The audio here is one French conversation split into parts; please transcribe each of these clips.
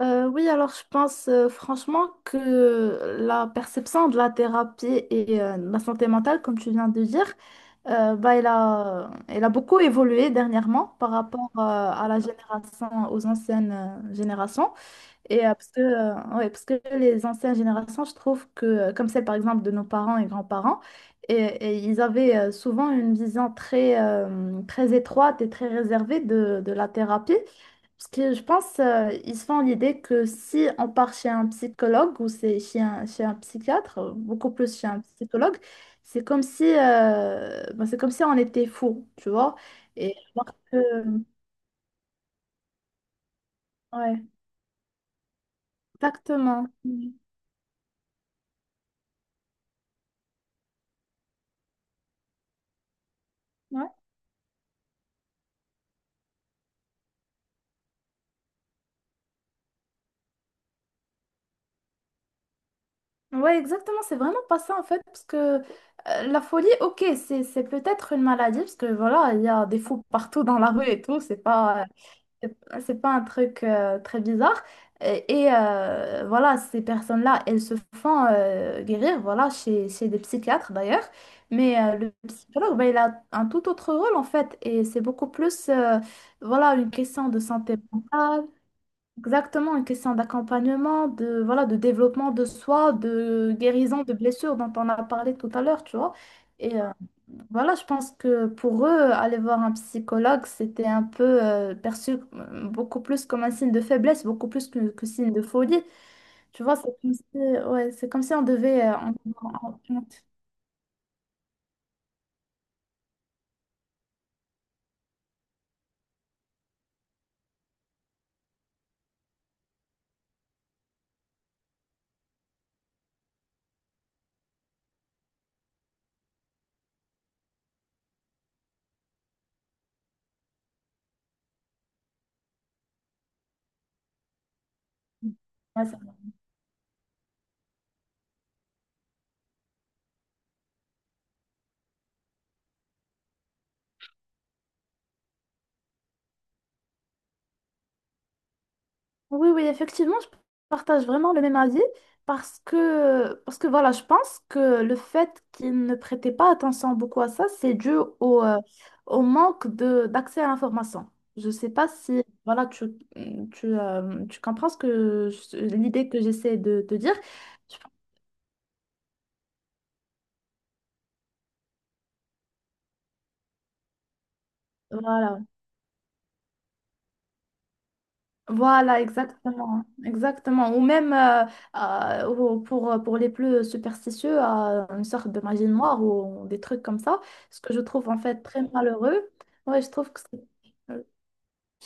Oui, alors je pense franchement que la perception de la thérapie et de la santé mentale, comme tu viens de dire, elle a beaucoup évolué dernièrement par rapport à la génération, aux anciennes générations. Et ouais, parce que les anciennes générations, je trouve que, comme celle par exemple de nos parents et grands-parents, et ils avaient souvent une vision très, très étroite et très réservée de la thérapie. Parce que je pense ils se font l'idée que si on part chez un psychologue ou c'est chez un psychiatre, beaucoup plus chez un psychologue, c'est comme si on était fou, tu vois. Et alors que, ouais, exactement. Mm. Ouais. Ouais, exactement, c'est vraiment pas ça en fait, parce que la folie, OK, c'est peut-être une maladie, parce que voilà, il y a des fous partout dans la rue et tout, c'est c'est pas un truc très bizarre. Et voilà, ces personnes-là, elles se font guérir, voilà, chez des psychiatres d'ailleurs, mais le psychologue, ben, il a un tout autre rôle en fait, et c'est beaucoup plus, voilà, une question de santé mentale. Exactement, une question d'accompagnement, de, voilà, de développement de soi, de guérison de blessures dont on a parlé tout à l'heure, tu vois. Et voilà, je pense que pour eux, aller voir un psychologue, c'était un peu perçu beaucoup plus comme un signe de faiblesse, beaucoup plus que signe de folie. Tu vois, c'est comme si on devait... en- ouais. Oui, oui, effectivement, je partage vraiment le même avis parce que voilà, je pense que le fait qu'ils ne prêtaient pas attention beaucoup à ça, c'est dû au, euh, au manque de, d'accès à l'information. Je ne sais pas si voilà, tu comprends ce que l'idée que j'essaie de te dire. Je- Voilà, voilà, exactement, exactement. Ou même ou pour les plus superstitieux, une sorte de magie noire ou des trucs comme ça, ce que je trouve en fait très malheureux. Ouais,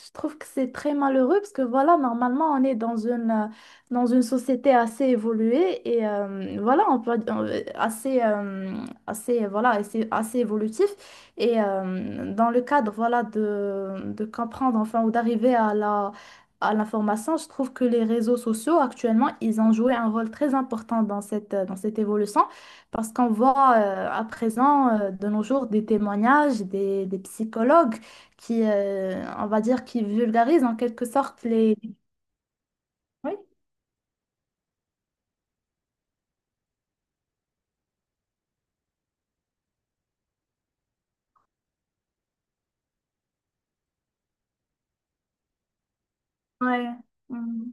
je trouve que c'est très malheureux parce que voilà, normalement, on est dans une société assez évoluée et voilà, on peut, assez, voilà, assez évolutif. Et dans le cadre, voilà, de comprendre, enfin, ou d'arriver à l'information, je trouve que les réseaux sociaux, actuellement, ils ont joué un rôle très important dans cette évolution parce qu'on voit à présent, de nos jours, des témoignages, des psychologues qui, on va dire, qui vulgarise en quelque sorte les... Oui. Ouais. Mm.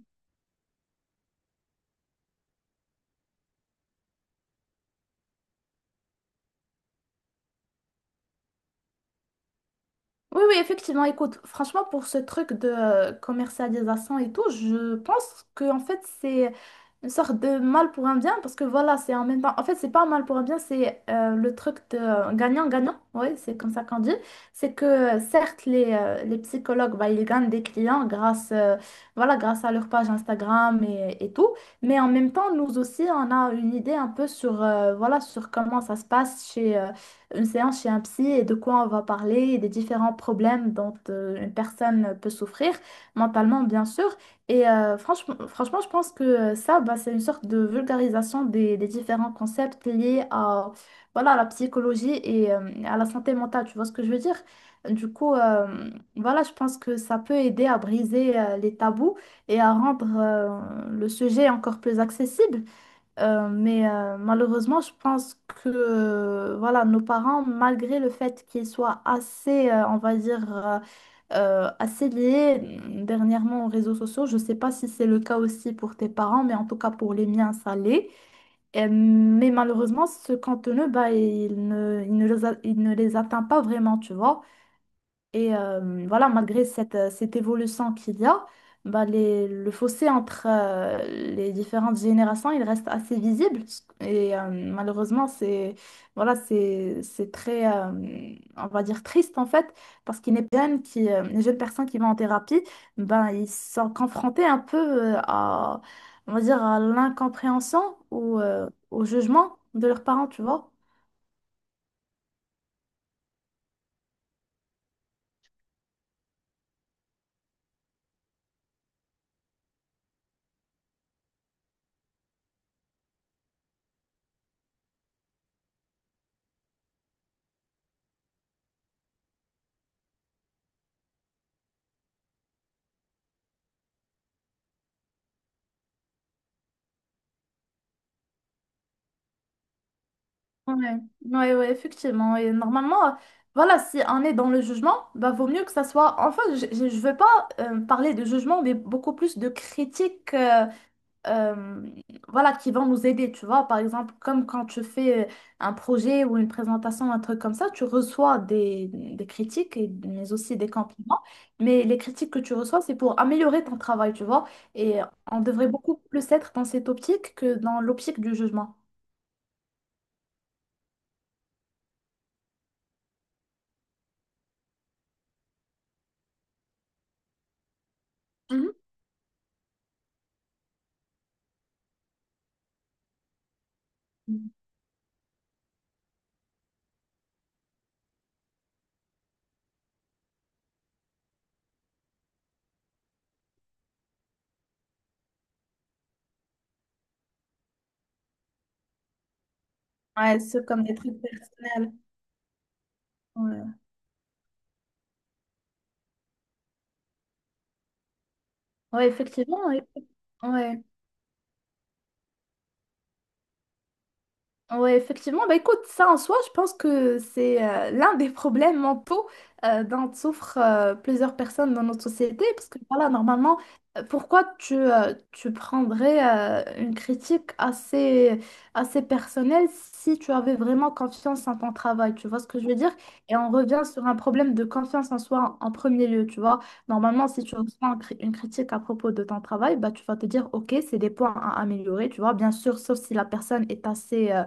Oui, oui, effectivement. Écoute, franchement, pour ce truc de commercialisation et tout, je pense que en fait, c'est une sorte de mal pour un bien parce que voilà, c'est en même temps. En fait, c'est pas un mal pour un bien, c'est le truc de gagnant-gagnant. Oui, c'est comme ça qu'on dit. C'est que certes, les psychologues, bah, ils gagnent des clients grâce à leur page Instagram et tout. Mais en même temps, nous aussi, on a une idée un peu sur comment ça se passe une séance chez un psy et de quoi on va parler, et des différents problèmes dont une personne peut souffrir, mentalement bien sûr. Et franchement, franchement, je pense que ça, bah, c'est une sorte de vulgarisation des différents concepts liés à la psychologie et à la santé mentale, tu vois ce que je veux dire? Du coup, voilà, je pense que ça peut aider à briser les tabous et à rendre le sujet encore plus accessible. Mais malheureusement, je pense que voilà, nos parents, malgré le fait qu'ils soient assez, on va dire, assez liés dernièrement aux réseaux sociaux, je ne sais pas si c'est le cas aussi pour tes parents, mais en tout cas pour les miens, ça l'est. Mais malheureusement, ce contenu, bah, il ne les atteint pas vraiment, tu vois. Et voilà, malgré cette évolution qu'il y a, bah, le fossé entre les différentes générations, il reste assez visible. Et malheureusement, c'est très, on va dire, triste en fait, parce qu'il y a les jeunes personnes qui vont en thérapie, ben, ils sont confrontés un peu à, on va dire, à l'incompréhension ou au jugement de leurs parents, tu vois. Ouais, ouais, ouais, effectivement. Et normalement, voilà, si on est dans le jugement, bah, vaut mieux que ça soit. Enfin, je veux pas parler de jugement, mais beaucoup plus de critiques euh, voilà, qui vont nous aider. Tu vois, par exemple, comme quand tu fais un projet ou une présentation, un truc comme ça, tu reçois des critiques, mais aussi des compliments. Mais les critiques que tu reçois, c'est pour améliorer ton travail, tu vois. Et on devrait beaucoup plus être dans cette optique que dans l'optique du jugement. Mhm. Ouais, c'est comme des trucs personnels. Ouais, ouais, effectivement. Ouais. Ouais. Oui, effectivement. Bah, écoute, ça en soi, je pense que c'est l'un des problèmes mentaux dont souffrent plusieurs personnes dans notre société. Parce que voilà, normalement, pourquoi tu prendrais une critique assez, assez personnelle si tu avais vraiment confiance en ton travail? Tu vois ce que je veux dire? Et on revient sur un problème de confiance en soi en premier lieu. Tu vois, normalement, si tu reçois une critique à propos de ton travail, bah, tu vas te dire, OK, c'est des points à améliorer. Tu vois, bien sûr, sauf si la personne est assez...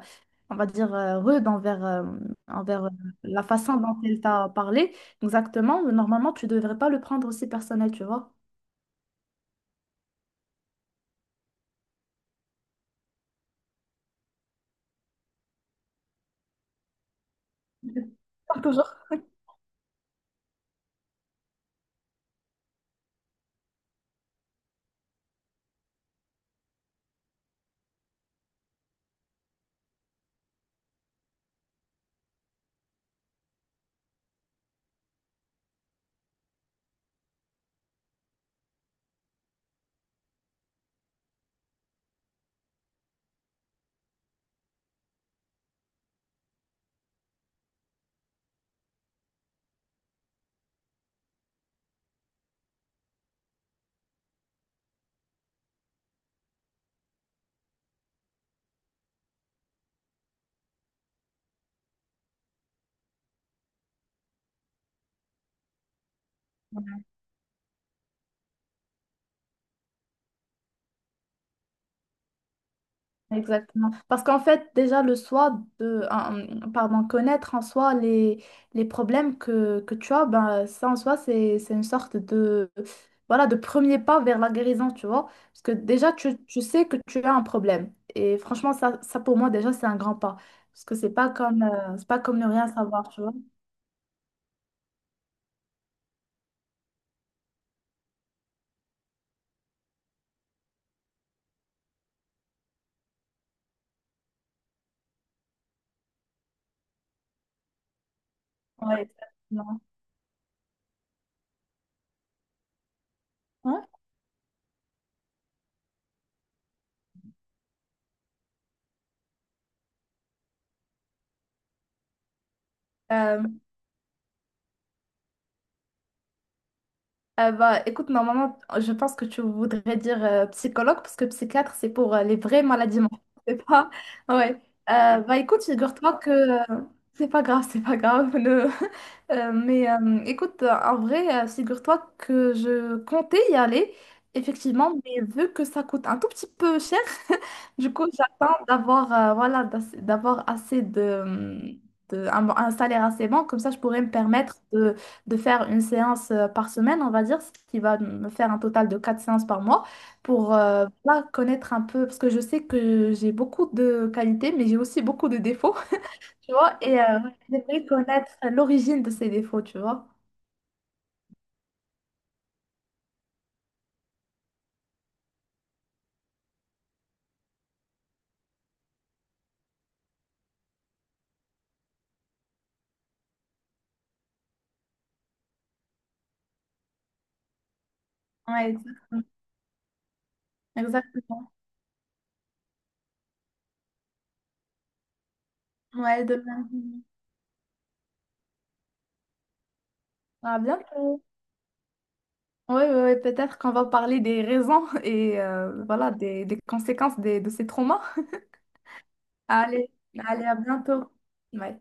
on va dire, rude envers la façon dont elle t'a parlé, exactement, normalement, tu devrais pas le prendre aussi personnel, tu vois. Pas toujours. Exactement. Parce qu'en fait, déjà, le soi de, un- pardon, connaître en soi les problèmes que tu as, ben, ça en soi, c'est une sorte de, voilà, de premier pas vers la guérison, tu vois. Parce que déjà, tu sais que tu as un problème. Et franchement, ça pour moi, déjà, c'est un grand pas. Parce que c'est pas comme ne rien savoir, tu vois. Ouais, exactement. Hein. Euh, bah, écoute, normalement, je pense que tu voudrais dire psychologue, parce que psychiatre, c'est pour les vraies maladies mentales, c'est pas... Ouais. Bah, écoute, figure-toi que... euh, c'est pas grave, c'est pas grave. Mais écoute, en vrai, figure-toi que je comptais y aller, effectivement, mais vu que ça coûte un tout petit peu cher, du coup, j'attends d'avoir voilà, d'avoir assez de, un salaire assez bon, comme ça, je pourrais me permettre de faire une séance par semaine, on va dire, ce qui va me faire un total de 4 séances par mois pour voilà, connaître un peu, parce que je sais que j'ai beaucoup de qualités, mais j'ai aussi beaucoup de défauts, tu vois, et j'aimerais connaître l'origine de ces défauts, tu vois. Ouais, exactement. Exactement. Ouais, de même. Ah, bientôt. Oui, ouais, ouais, ouais, peut-être qu'on va parler des raisons et voilà, des conséquences de ces traumas. Allez, allez, à bientôt. Ouais.